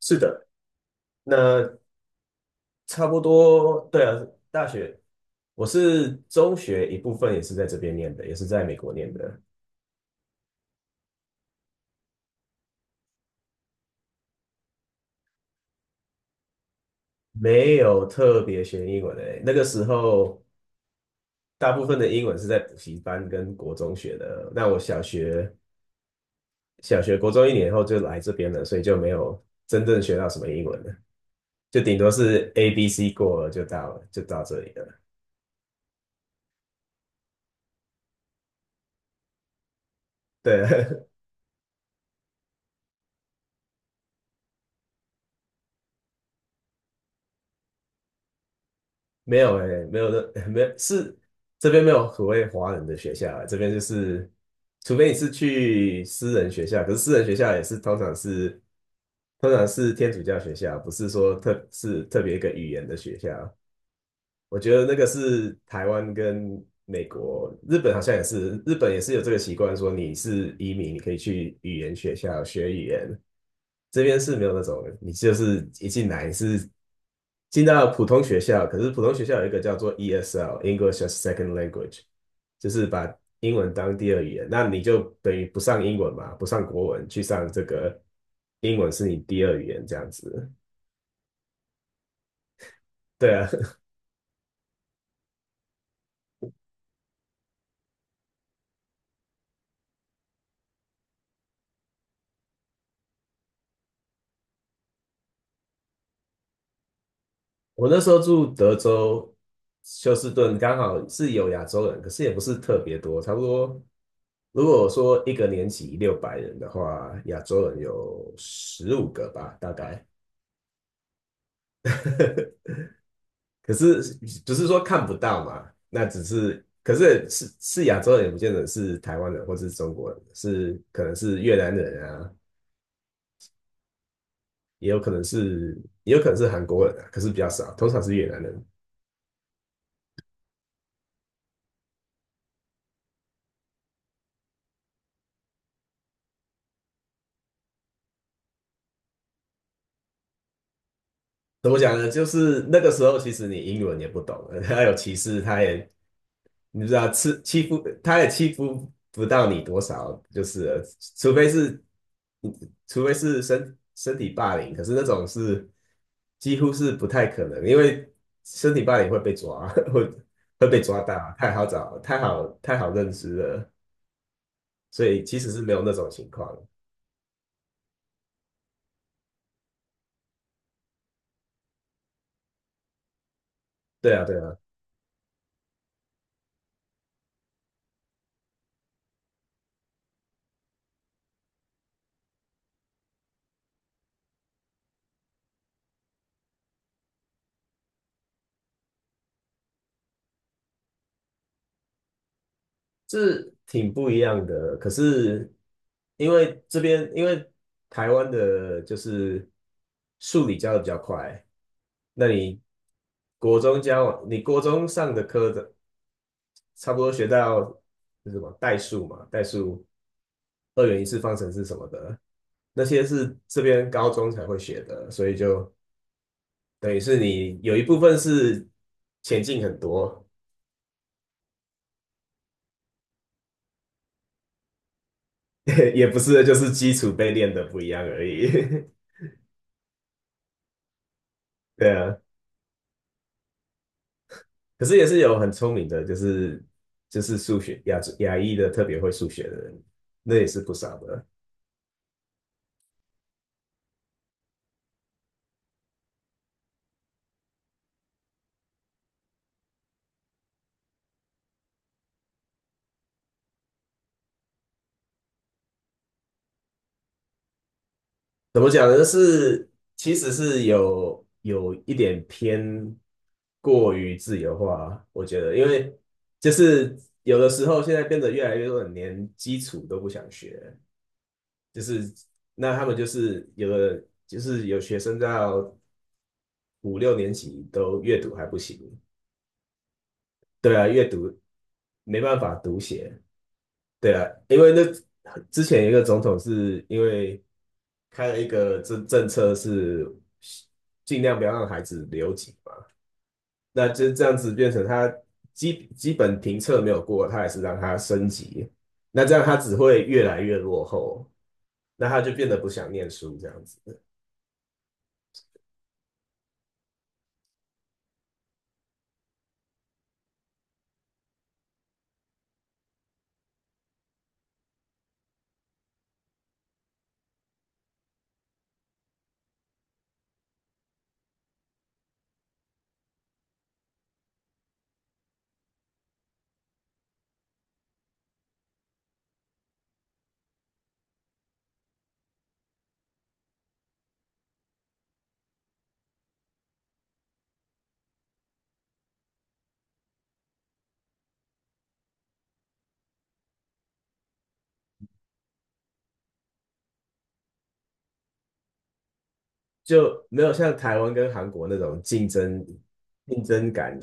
是的，那差不多，对啊，大学，我是中学一部分也是在这边念的，也是在美国念的，没有特别学英文诶。那个时候，大部分的英文是在补习班跟国中学的。那我小学、国中一年后就来这边了，所以就没有真正学到什么英文了，就顶多是 A、B、C 过了就到了，就到这里了。对，没有的，没有是这边没有所谓华人的学校啊，这边就是，除非你是去私人学校，可是私人学校也是通常是天主教学校，不是说特别一个语言的学校。我觉得那个是台湾跟美国、日本好像也是，日本也是有这个习惯，说你是移民，你可以去语言学校学语言。这边是没有那种，你就是一进来是进到普通学校，可是普通学校有一个叫做 ESL（English as Second Language）,就是把英文当第二语言。那你就等于不上英文嘛，不上国文，去上这个英文是你第二语言这样子。对啊，我那时候住德州休斯顿，刚好是有亚洲人，可是也不是特别多，差不多。如果说一个年级600人的话，亚洲人有15个吧，大概。可是不是说看不到嘛？那只是，可是是亚洲人，也不见得是台湾人或是中国人，是可能是越南人啊，也有可能是也有可能是韩国人啊，可是比较少，通常是越南人。怎么讲呢？就是那个时候，其实你英文也不懂，他有歧视，他也你知道，欺负，他也欺负不到你多少，就是了除非是，嗯除非是身体霸凌，可是那种是几乎是不太可能，因为身体霸凌会被抓，会被抓到，太好找，太好认识了，所以其实是没有那种情况。对啊，对啊。是挺不一样的。可是因为这边，因为台湾的就是数理教的比较快，那你国中教完你国中上的科的差不多学到是什么代数嘛，代数、二元一次方程式什么的，那些是这边高中才会学的，所以就等于是你有一部分是前进很多，也不是就是基础被练的不一样而已。对啊，可是也是有很聪明的，就是数学亚裔的特别会数学的人，那也是不少的。怎么讲呢？是其实是有一点偏过于自由化，我觉得，因为就是有的时候现在变得越来越多人连基础都不想学，就是那他们就是有的就是有学生到五六年级都阅读还不行，对啊，阅读没办法读写。对啊，因为那之前一个总统是因为开了一个政策是尽量不要让孩子留级嘛，那就这样子变成他基本评测没有过，他还是让他升级，那这样他只会越来越落后，那他就变得不想念书这样子，就没有像台湾跟韩国那种竞争感。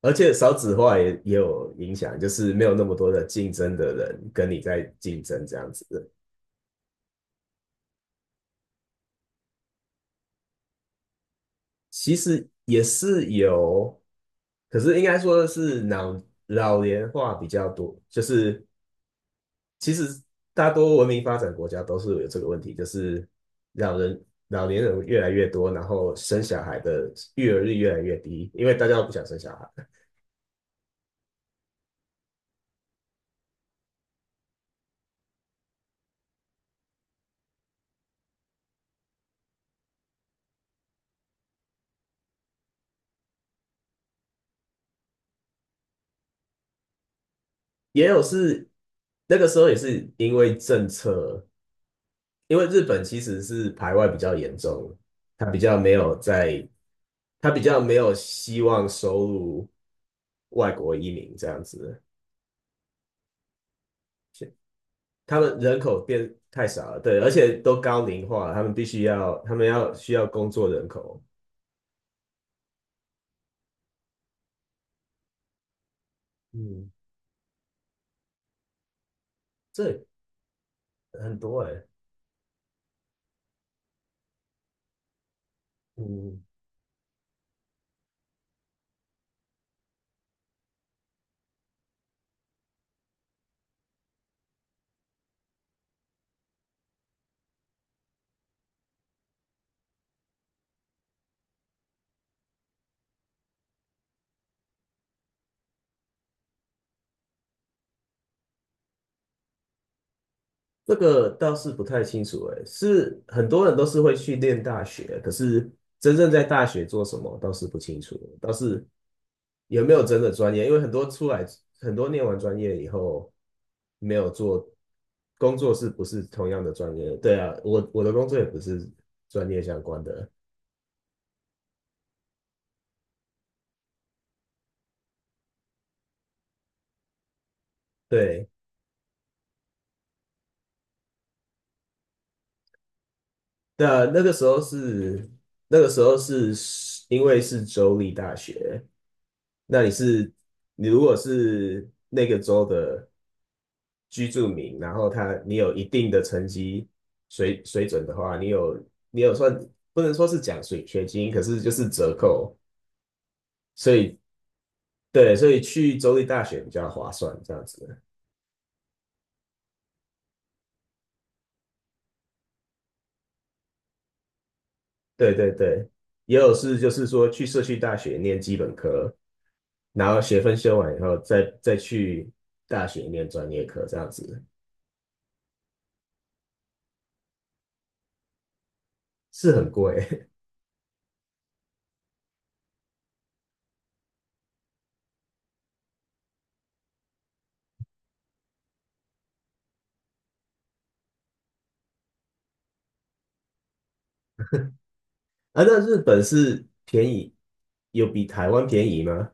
而且少子化也有影响，就是没有那么多的竞争的人跟你在竞争这样子。其实也是有，可是应该说是老年化比较多，就是其实大多文明发展国家都是有这个问题，就是老人老年人越来越多，然后生小孩的育儿率越来越低，因为大家都不想生小孩。也有是那个时候也是因为政策因为日本其实是排外比较严重，他比较没有在，他比较没有希望收入外国移民这样子，他们人口变太少了，对，而且都高龄化，他们必须要，他们要需要工作人口，嗯，这很多嗯，这个倒是不太清楚是很多人都是会去念大学，可是真正在大学做什么倒是不清楚，倒是有没有真的专业？因为很多出来，很多念完专业以后没有做工作，是不是同样的专业？对啊，我的工作也不是专业相关的。对，那那个时候是那个时候是因为是州立大学，那你如果是那个州的居住民，然后他你有一定的成绩水准的话，你有算不能说是奖学金，可是就是折扣，所以对，所以去州立大学比较划算，这样子。对对对，也有是就是说去社区大学念基本科，然后学分修完以后再去大学念专业课，这样子是很贵 啊。那日本是便宜，有比台湾便宜吗？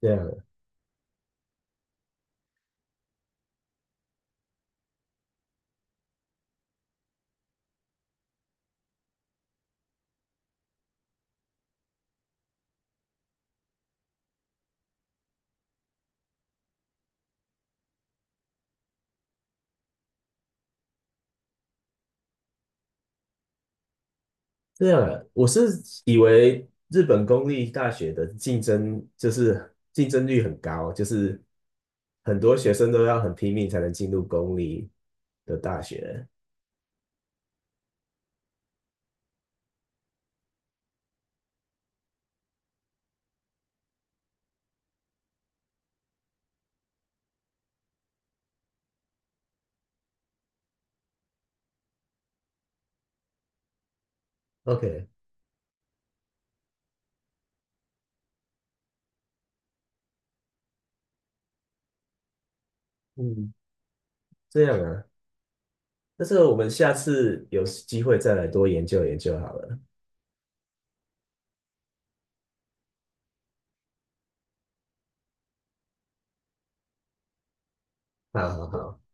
这样这样啊，我是以为日本公立大学的竞争就是竞争率很高，就是很多学生都要很拼命才能进入公立的大学。OK,嗯，这样啊。那这个我们下次有机会再来多研究研究好了。好好好。